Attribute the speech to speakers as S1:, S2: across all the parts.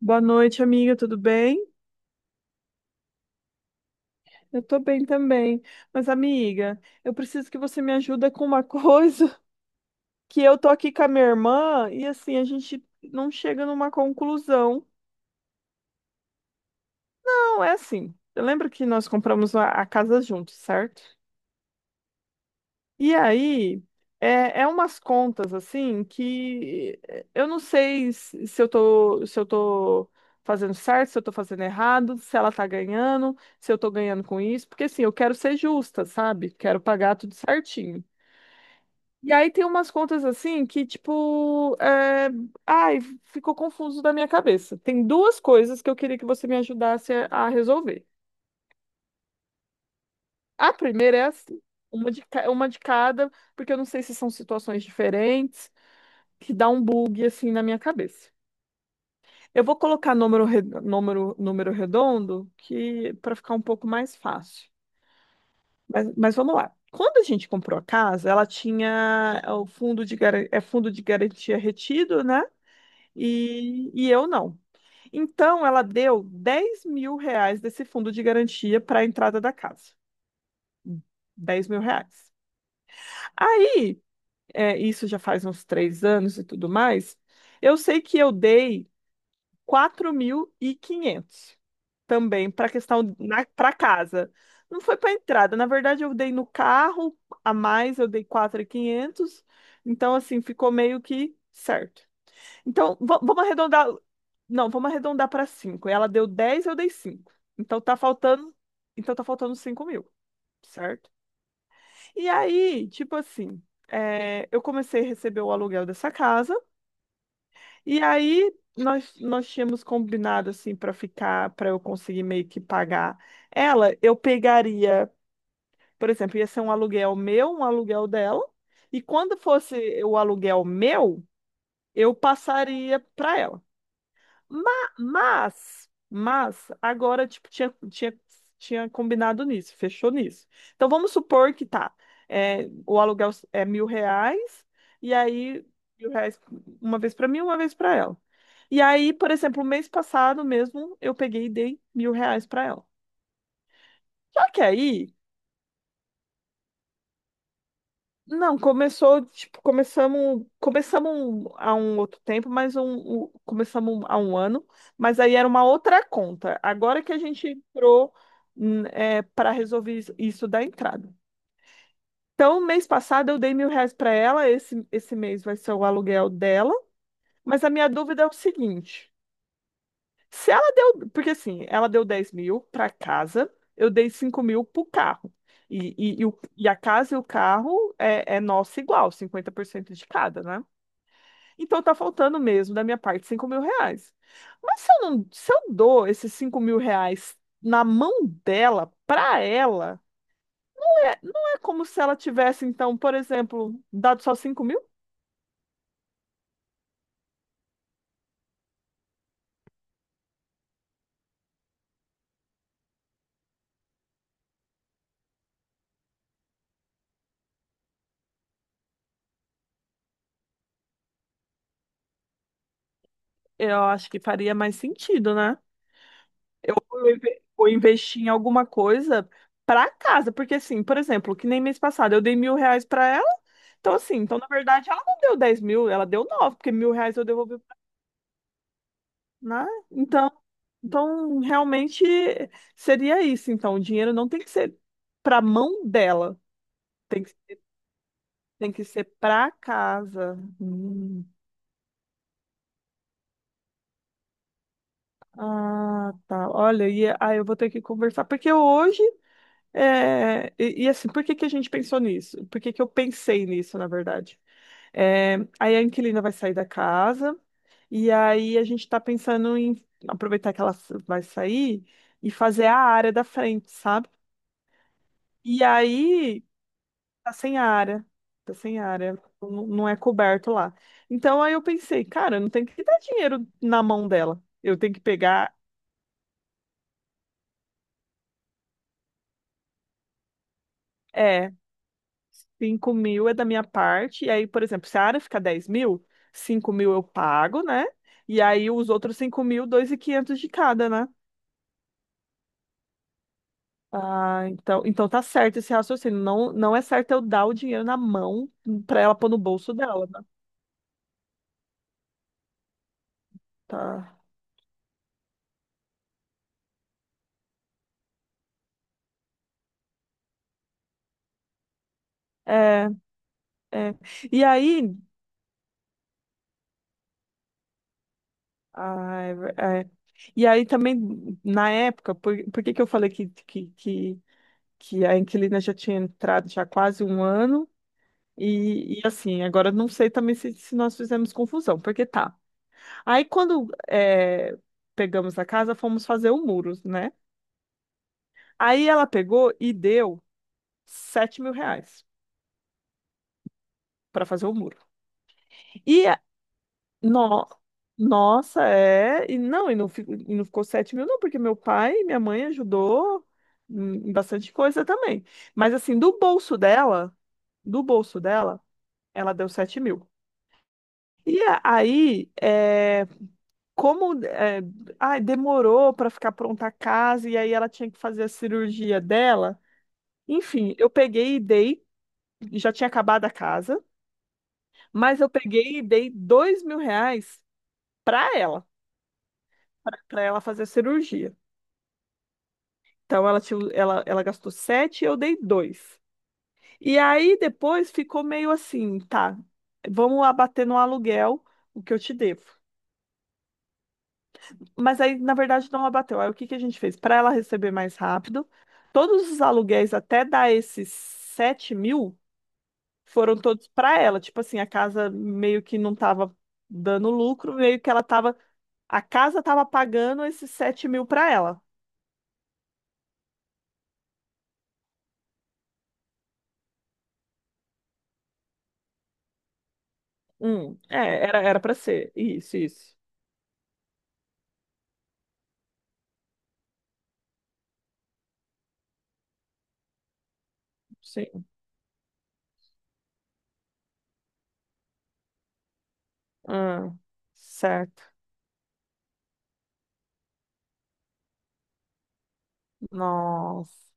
S1: Boa noite, amiga, tudo bem? Eu tô bem também. Mas, amiga, eu preciso que você me ajuda com uma coisa, que eu tô aqui com a minha irmã e assim a gente não chega numa conclusão. Não, é assim. Lembra que nós compramos a casa juntos, certo? E aí, é umas contas assim que eu não sei se eu tô, se eu tô fazendo certo, se eu tô fazendo errado, se ela tá ganhando, se eu tô ganhando com isso, porque assim, eu quero ser justa, sabe? Quero pagar tudo certinho. E aí tem umas contas assim que, tipo, ai, ficou confuso da minha cabeça. Tem duas coisas que eu queria que você me ajudasse a resolver. A primeira é assim, uma de cada, porque eu não sei se são situações diferentes, que dá um bug assim na minha cabeça. Eu vou colocar número redondo que para ficar um pouco mais fácil. Mas vamos lá. Quando a gente comprou a casa, ela tinha o fundo de garantia retido, né? E eu não. Então, ela deu 10.000 reais desse fundo de garantia para a entrada da casa. 10.000 reais. Aí, isso já faz uns 3 anos e tudo mais. Eu sei que eu dei 4.500 também para questão, para casa. Não foi para entrada, na verdade eu dei no carro a mais, eu dei 4.500. Então assim, ficou meio que certo. Então, vamos arredondar. Não, vamos arredondar para cinco. Ela deu dez, eu dei cinco. Então tá faltando, então tá faltando 5.000, certo? E aí, tipo assim, eu comecei a receber o aluguel dessa casa. E aí nós tínhamos combinado assim para ficar, para eu conseguir meio que pagar ela, eu pegaria, por exemplo, ia ser um aluguel meu, um aluguel dela, e quando fosse o aluguel meu, eu passaria para ela. Ma- mas, agora, tipo, tinha combinado nisso, fechou nisso. Então, vamos supor que tá, o aluguel é 1.000 reais, e aí, 1.000 reais uma vez pra mim, uma vez pra ela. E aí, por exemplo, mês passado mesmo, eu peguei e dei 1.000 reais pra ela. Só que aí, não, começou, tipo, começamos há um outro tempo, mas começamos há um ano, mas aí era uma outra conta. Agora que a gente entrou, para resolver isso da entrada. Então, mês passado eu dei 1.000 reais para ela, esse mês vai ser o aluguel dela, mas a minha dúvida é o seguinte. Se ela deu, porque assim, ela deu 10 mil para casa, eu dei 5.000 pro carro. E a casa e o carro é nossa igual, 50% de cada, né? Então tá faltando mesmo da minha parte 5.000 reais. Mas se eu não, se eu dou esses 5.000 reais na mão dela, pra ela, não é como se ela tivesse, então, por exemplo, dado só 5.000? Eu acho que faria mais sentido, né? Eu vou vou investir em alguma coisa para casa, porque assim, por exemplo, que nem mês passado eu dei mil reais para ela, então assim, então na verdade ela não deu 10.000, ela deu nove, porque 1.000 reais eu devolvi, né? Então realmente seria isso. Então, o dinheiro não tem que ser para mão dela, tem que, tem que ser para casa. Hum. Ah, tá. Olha, e eu vou ter que conversar, porque hoje. É, e assim, por que que a gente pensou nisso? Por que que eu pensei nisso, na verdade? É, aí a inquilina vai sair da casa, e aí a gente está pensando em aproveitar que ela vai sair e fazer a área da frente, sabe? E aí tá sem área, tá sem área, não, não é coberto lá. Então aí eu pensei, cara, eu não tenho que dar dinheiro na mão dela, eu tenho que pegar. É. 5.000 é da minha parte. E aí, por exemplo, se a área ficar 10.000, 5.000 eu pago, né? E aí os outros 5.000, 2.500 de cada, né? Ah, então tá certo esse raciocínio. Não, não é certo eu dar o dinheiro na mão pra ela pôr no bolso dela, né? Tá. É, é. E aí, é. E aí também, na época, por que que eu falei que, que a inquilina já tinha entrado já há quase um ano? E, assim, agora não sei também se nós fizemos confusão, porque tá. Aí quando pegamos a casa, fomos fazer o muro, né? Aí ela pegou e deu 7.000 reais para fazer o muro. E a- no, Nossa, é. E não ficou 7.000, não, porque meu pai e minha mãe ajudou em bastante coisa também. Mas assim, do bolso dela, ela deu 7.000. E a- aí. eh, Como é, ai, demorou para ficar pronta a casa e aí ela tinha que fazer a cirurgia dela. Enfim, eu peguei e dei, já tinha acabado a casa, mas eu peguei e dei 2.000 reais para ela, para ela fazer a cirurgia. Então ela gastou sete e eu dei dois. E aí depois ficou meio assim, tá, vamos abater no aluguel o que eu te devo. Mas aí, na verdade, não abateu. Aí o que que a gente fez? Para ela receber mais rápido, todos os aluguéis até dar esses 7.000 foram todos para ela. Tipo assim, a casa meio que não estava dando lucro, meio que ela tava. A casa estava pagando esses 7.000 para ela. É, era para ser. Isso, isso. Sim. Ah, certo. Nossa.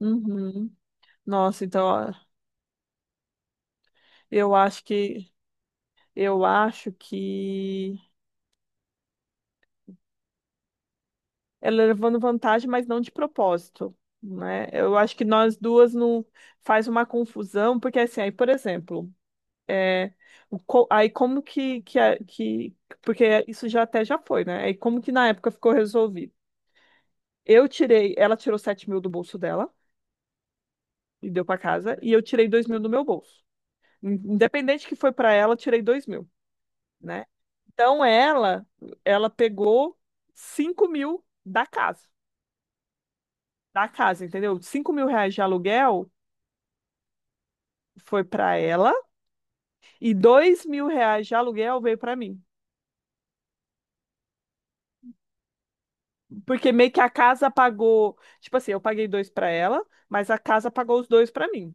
S1: Uhum. Nossa, então ó, eu acho que eu acho que ela levando vantagem, mas não de propósito, né? Eu acho que nós duas não faz uma confusão, porque assim, aí, por exemplo, é, aí como que, a- que- porque isso já até já foi, né? Aí como que na época ficou resolvido? Ela tirou 7.000 do bolso dela e deu para casa, e eu tirei 2.000 do meu bolso. Independente que foi para ela, eu tirei 2 mil, né? Então ela pegou 5.000 da casa. Da casa, entendeu? 5.000 reais de aluguel foi para ela e 2.000 reais de aluguel veio para mim. Porque meio que a casa pagou, tipo assim, eu paguei dois para ela, mas a casa pagou os dois para mim.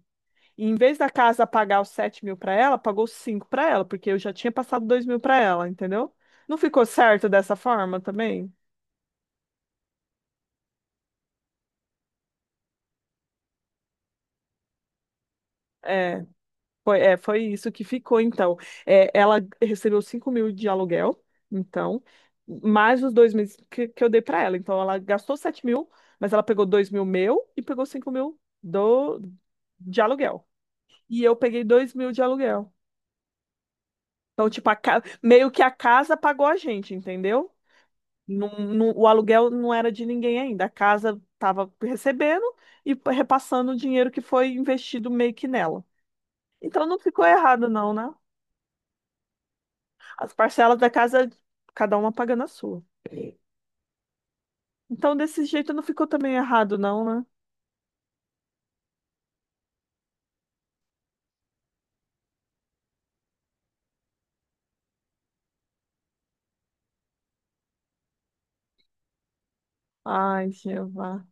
S1: E em vez da casa pagar os 7.000 para ela, pagou os cinco para ela, porque eu já tinha passado 2.000 para ela, entendeu? Não ficou certo dessa forma também? É. Foi isso que ficou, então. É, ela recebeu 5.000 de aluguel, então, mais os 2 meses que eu dei para ela. Então, ela gastou 7.000, mas ela pegou 2.000 meu e pegou 5.000 de aluguel. E eu peguei 2.000 de aluguel. Então, tipo, meio que a casa pagou a gente, entendeu? Não, o aluguel não era de ninguém ainda. A casa estava recebendo e repassando o dinheiro que foi investido meio que nela. Então, não ficou errado, não, né? As parcelas da casa, cada uma pagando a sua. Então, desse jeito não ficou também errado, não, né? Ai, Jeová,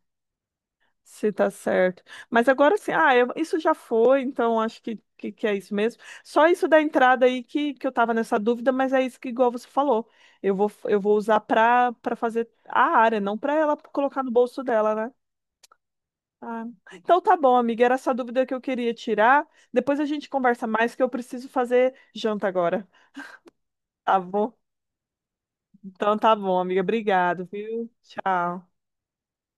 S1: se tá certo. Mas agora sim, isso já foi, então acho que é isso mesmo. Só isso da entrada aí que eu tava nessa dúvida, mas é isso que, igual você falou, eu vou usar pra fazer a área, não pra ela colocar no bolso dela, né? Ah, então tá bom, amiga, era essa dúvida que eu queria tirar. Depois a gente conversa mais, que eu preciso fazer janta agora, tá bom? Então tá bom, amiga. Obrigado, viu? Tchau.